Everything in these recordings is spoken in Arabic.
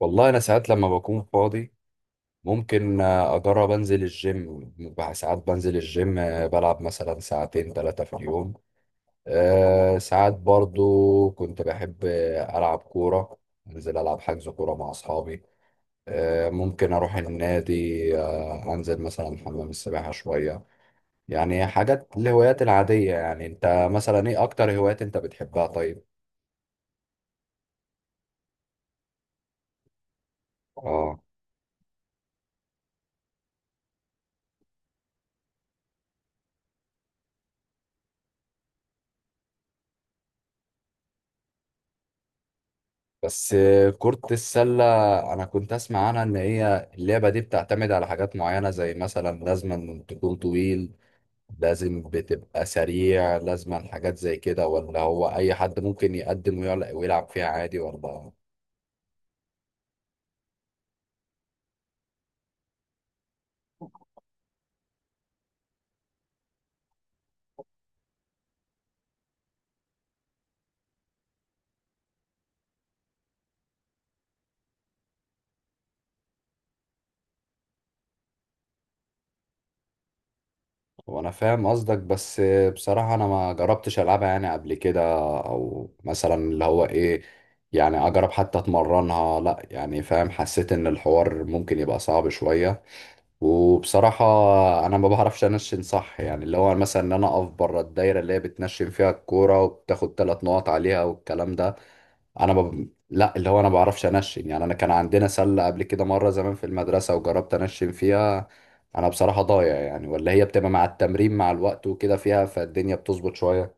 والله انا ساعات لما بكون فاضي ممكن اجرب انزل الجيم. بقى ساعات بنزل الجيم، بلعب مثلا ساعتين 3 في اليوم. ساعات برضو كنت بحب العب كورة، انزل العب حجز كورة مع اصحابي. ممكن اروح النادي، انزل مثلا حمام السباحة شوية. يعني حاجات الهوايات العادية. يعني انت مثلا ايه اكتر هوايات انت بتحبها طيب؟ اه، بس كرة السلة أنا كنت أسمع عنها إن هي اللعبة دي بتعتمد على حاجات معينة، زي مثلا لازم تكون طويل، لازم بتبقى سريع، لازم حاجات زي كده، ولا هو أي حد ممكن يقدم ويلعب فيها عادي ولا؟ وأنا فاهم قصدك، بس بصراحة أنا ما جربتش ألعبها يعني قبل كده، أو مثلا اللي هو إيه، يعني أجرب حتى أتمرنها، لأ يعني فاهم، حسيت إن الحوار ممكن يبقى صعب شوية. وبصراحة أنا ما بعرفش أنشن صح، يعني اللي هو مثلا إن أنا أقف بره الدايرة اللي هي بتنشن فيها الكورة وبتاخد 3 نقط عليها والكلام ده. أنا ب... لا اللي هو أنا ما بعرفش أنشن، يعني أنا كان عندنا سلة قبل كده مرة زمان في المدرسة وجربت أنشن فيها. أنا بصراحة ضايع، يعني ولا هي بتبقى مع التمرين مع الوقت وكده فيها، فالدنيا بتظبط شوية.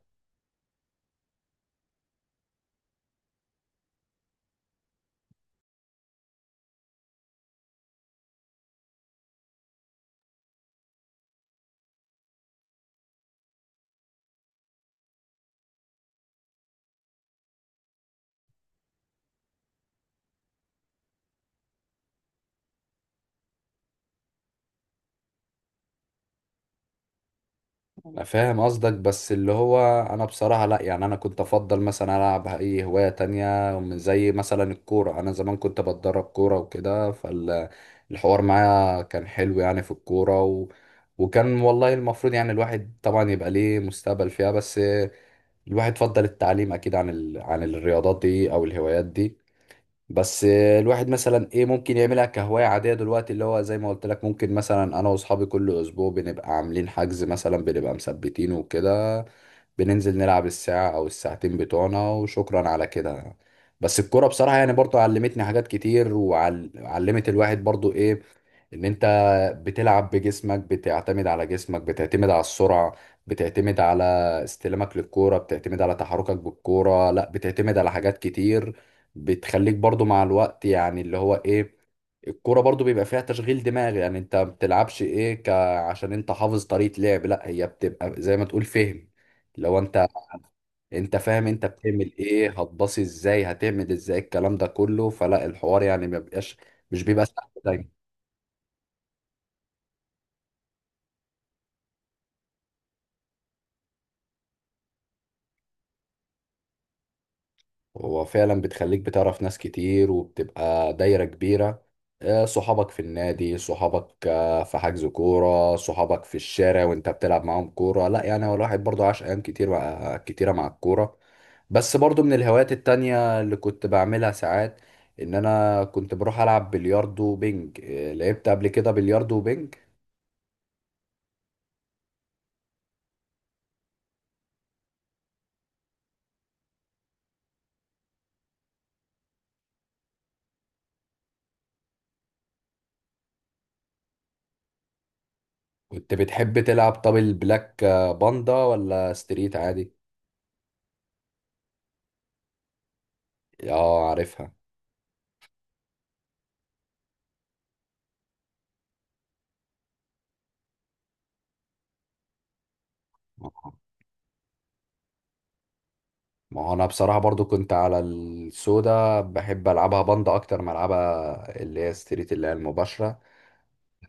أنا فاهم قصدك بس اللي هو انا بصراحة لا، يعني انا كنت افضل مثلا العب اي هواية تانية ومن زي مثلا الكورة. انا زمان كنت بتدرب كورة وكده، فالحوار معايا كان حلو يعني في الكورة. وكان والله المفروض يعني الواحد طبعا يبقى ليه مستقبل فيها، بس الواحد فضل التعليم اكيد عن الرياضات دي او الهوايات دي. بس الواحد مثلا ايه ممكن يعملها كهواية عادية دلوقتي، اللي هو زي ما قلت لك ممكن مثلا انا واصحابي كل اسبوع بنبقى عاملين حجز مثلا، بنبقى مثبتينه وكده، بننزل نلعب الساعة او الساعتين بتوعنا، وشكرا على كده. بس الكورة بصراحة يعني برضو علمتني حاجات كتير، وعلمت الواحد برضو ايه، ان انت بتلعب بجسمك، بتعتمد على جسمك، بتعتمد على السرعة، بتعتمد على استلامك للكورة، بتعتمد على تحركك بالكورة، لا بتعتمد على حاجات كتير. بتخليك برضو مع الوقت يعني اللي هو ايه، الكورة برضو بيبقى فيها تشغيل دماغ. يعني انت ما بتلعبش ايه عشان انت حافظ طريقة لعب، لا هي بتبقى زي ما تقول فهم. لو انت انت فاهم انت بتعمل ايه، هتباصي ازاي، هتعمل ازاي الكلام ده كله، فلا الحوار يعني ما بيبقاش، مش بيبقى سهل دايما. هو فعلا بتخليك بتعرف ناس كتير وبتبقى دايرة كبيرة. صحابك في النادي، صحابك في حجز كورة، صحابك في الشارع وانت بتلعب معاهم كورة، لا يعني هو الواحد برضه عاش أيام كتير مع كتيرة مع الكورة. بس برضه من الهوايات التانية اللي كنت بعملها ساعات، إن أنا كنت بروح ألعب بلياردو وبينج. لعبت قبل كده بلياردو وبينج. كنت بتحب تلعب طب البلاك باندا ولا ستريت عادي؟ اه، عارفها. ما هو انا بصراحة برضو كنت على السودا بحب العبها بند اكتر ما العبها اللي هي ستريت اللي هي المباشرة.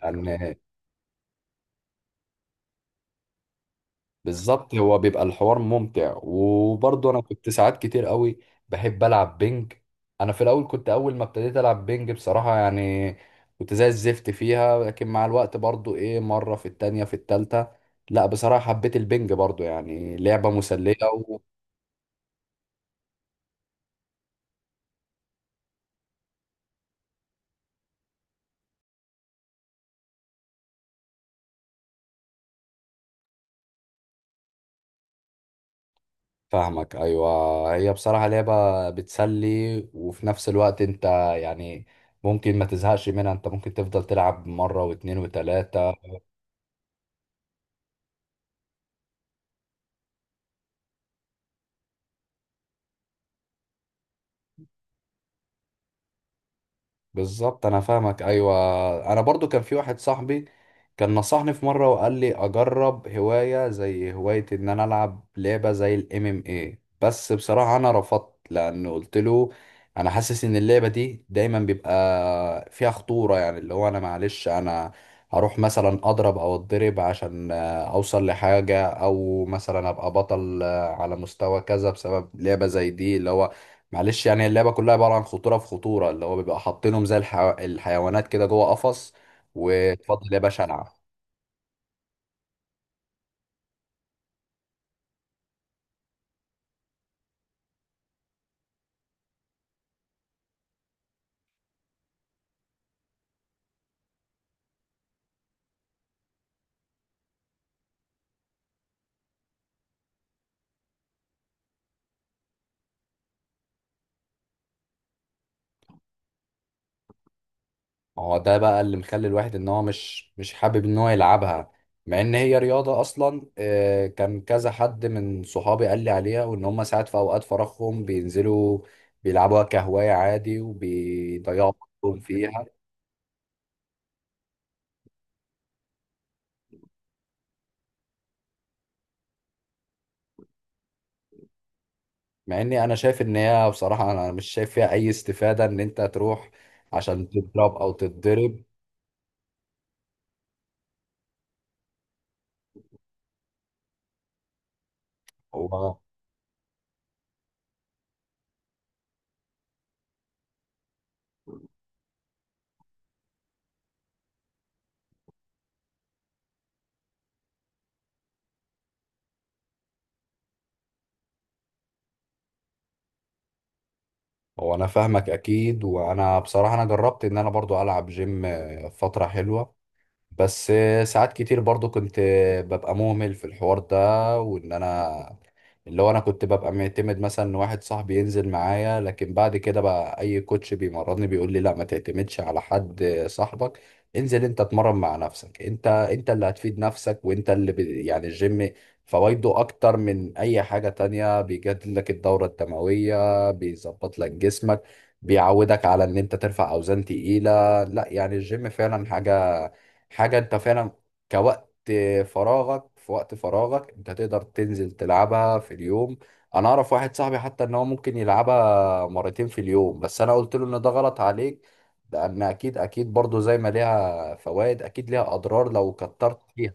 لان بالظبط هو بيبقى الحوار ممتع، وبرضو انا كنت ساعات كتير قوي بحب العب بينج. انا في الاول كنت اول ما ابتديت العب بينج بصراحة يعني كنت زي الزفت فيها، لكن مع الوقت برضو ايه، مرة في التانية في التالتة، لا بصراحة حبيت البينج برضو، يعني لعبة مسلية. فاهمك ايوه، هي بصراحه لعبه بتسلي وفي نفس الوقت انت يعني ممكن ما تزهقش منها، انت ممكن تفضل تلعب مره واتنين وتلاته. بالظبط انا فاهمك ايوه، انا برضو كان في واحد صاحبي كان نصحني في مره وقال لي اجرب هوايه زي هوايه ان انا العب لعبه زي الام ام اي، بس بصراحه انا رفضت لانه قلت له انا حاسس ان اللعبه دي دايما بيبقى فيها خطوره، يعني اللي هو انا معلش انا هروح مثلا اضرب او اتضرب عشان اوصل لحاجه، او مثلا ابقى بطل على مستوى كذا بسبب لعبه زي دي، اللي هو معلش يعني اللعبة كلها عبارة عن خطورة في خطورة، اللي هو بيبقى حاطينهم زي الحيوانات كده جوه قفص، واتفضل يا باشا العب. ما هو ده بقى اللي مخلي الواحد ان هو مش حابب ان هو يلعبها، مع ان هي رياضة اصلا. كان كذا حد من صحابي قال لي عليها، وان هم ساعات في اوقات فراغهم بينزلوا بيلعبوها كهواية عادي وبيضيعوا وقتهم فيها. مع اني انا شايف ان هي، بصراحة انا مش شايف فيها اي استفادة ان انت تروح عشان تضرب او تتضرب. هو انا فاهمك اكيد، وانا بصراحه انا جربت ان انا برضو العب جيم فتره حلوه. بس ساعات كتير برضو كنت ببقى مهمل في الحوار ده، وان انا اللي هو انا كنت ببقى معتمد مثلا ان واحد صاحبي ينزل معايا، لكن بعد كده بقى اي كوتش بيمرضني بيقول لي لا ما تعتمدش على حد صاحبك، انزل انت اتمرن مع نفسك، انت اللي هتفيد نفسك، وانت اللي بي يعني الجيم فوائده اكتر من اي حاجة تانية، بيجدد لك الدورة الدموية، بيظبط لك جسمك، بيعودك على ان انت ترفع اوزان تقيلة، لا يعني الجيم فعلا حاجة، حاجة انت فعلا كوقت فراغك، في وقت فراغك انت تقدر تنزل تلعبها في اليوم. انا اعرف واحد صاحبي حتى ان هو ممكن يلعبها مرتين في اليوم، بس انا قلت له ان ده غلط عليك، لان اكيد اكيد برضو زي ما ليها فوائد اكيد ليها اضرار لو كترت فيها.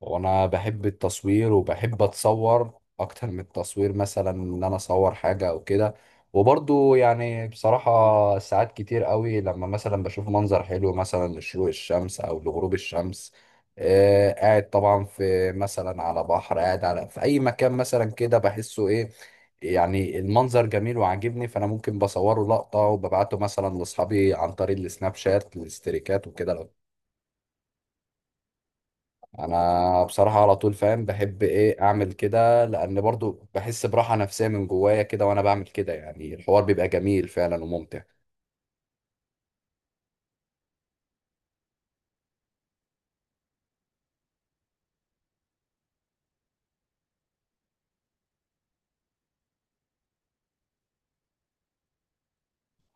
وانا بحب التصوير وبحب اتصور اكتر من التصوير، مثلا ان انا اصور حاجة او كده. وبرضو يعني بصراحة ساعات كتير قوي لما مثلا بشوف منظر حلو مثلا لشروق الشمس او لغروب الشمس، قاعد طبعا في مثلا على بحر قاعد على في اي مكان مثلا كده، بحسه ايه يعني المنظر جميل وعاجبني، فانا ممكن بصوره لقطة وببعته مثلا لاصحابي عن طريق السناب شات الاستريكات وكده. انا بصراحه على طول فاهم بحب ايه اعمل كده، لان برضو بحس براحه نفسيه من جوايا كده وانا بعمل كده، يعني الحوار بيبقى جميل فعلا وممتع.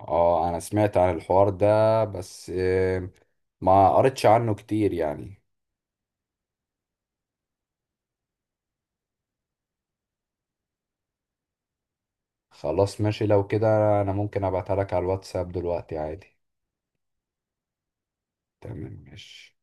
اه انا سمعت عن الحوار ده بس ما قريتش عنه كتير يعني. خلاص ماشي لو كده، انا ممكن ابعتها لك على الواتساب دلوقتي عادي. تمام ماشي.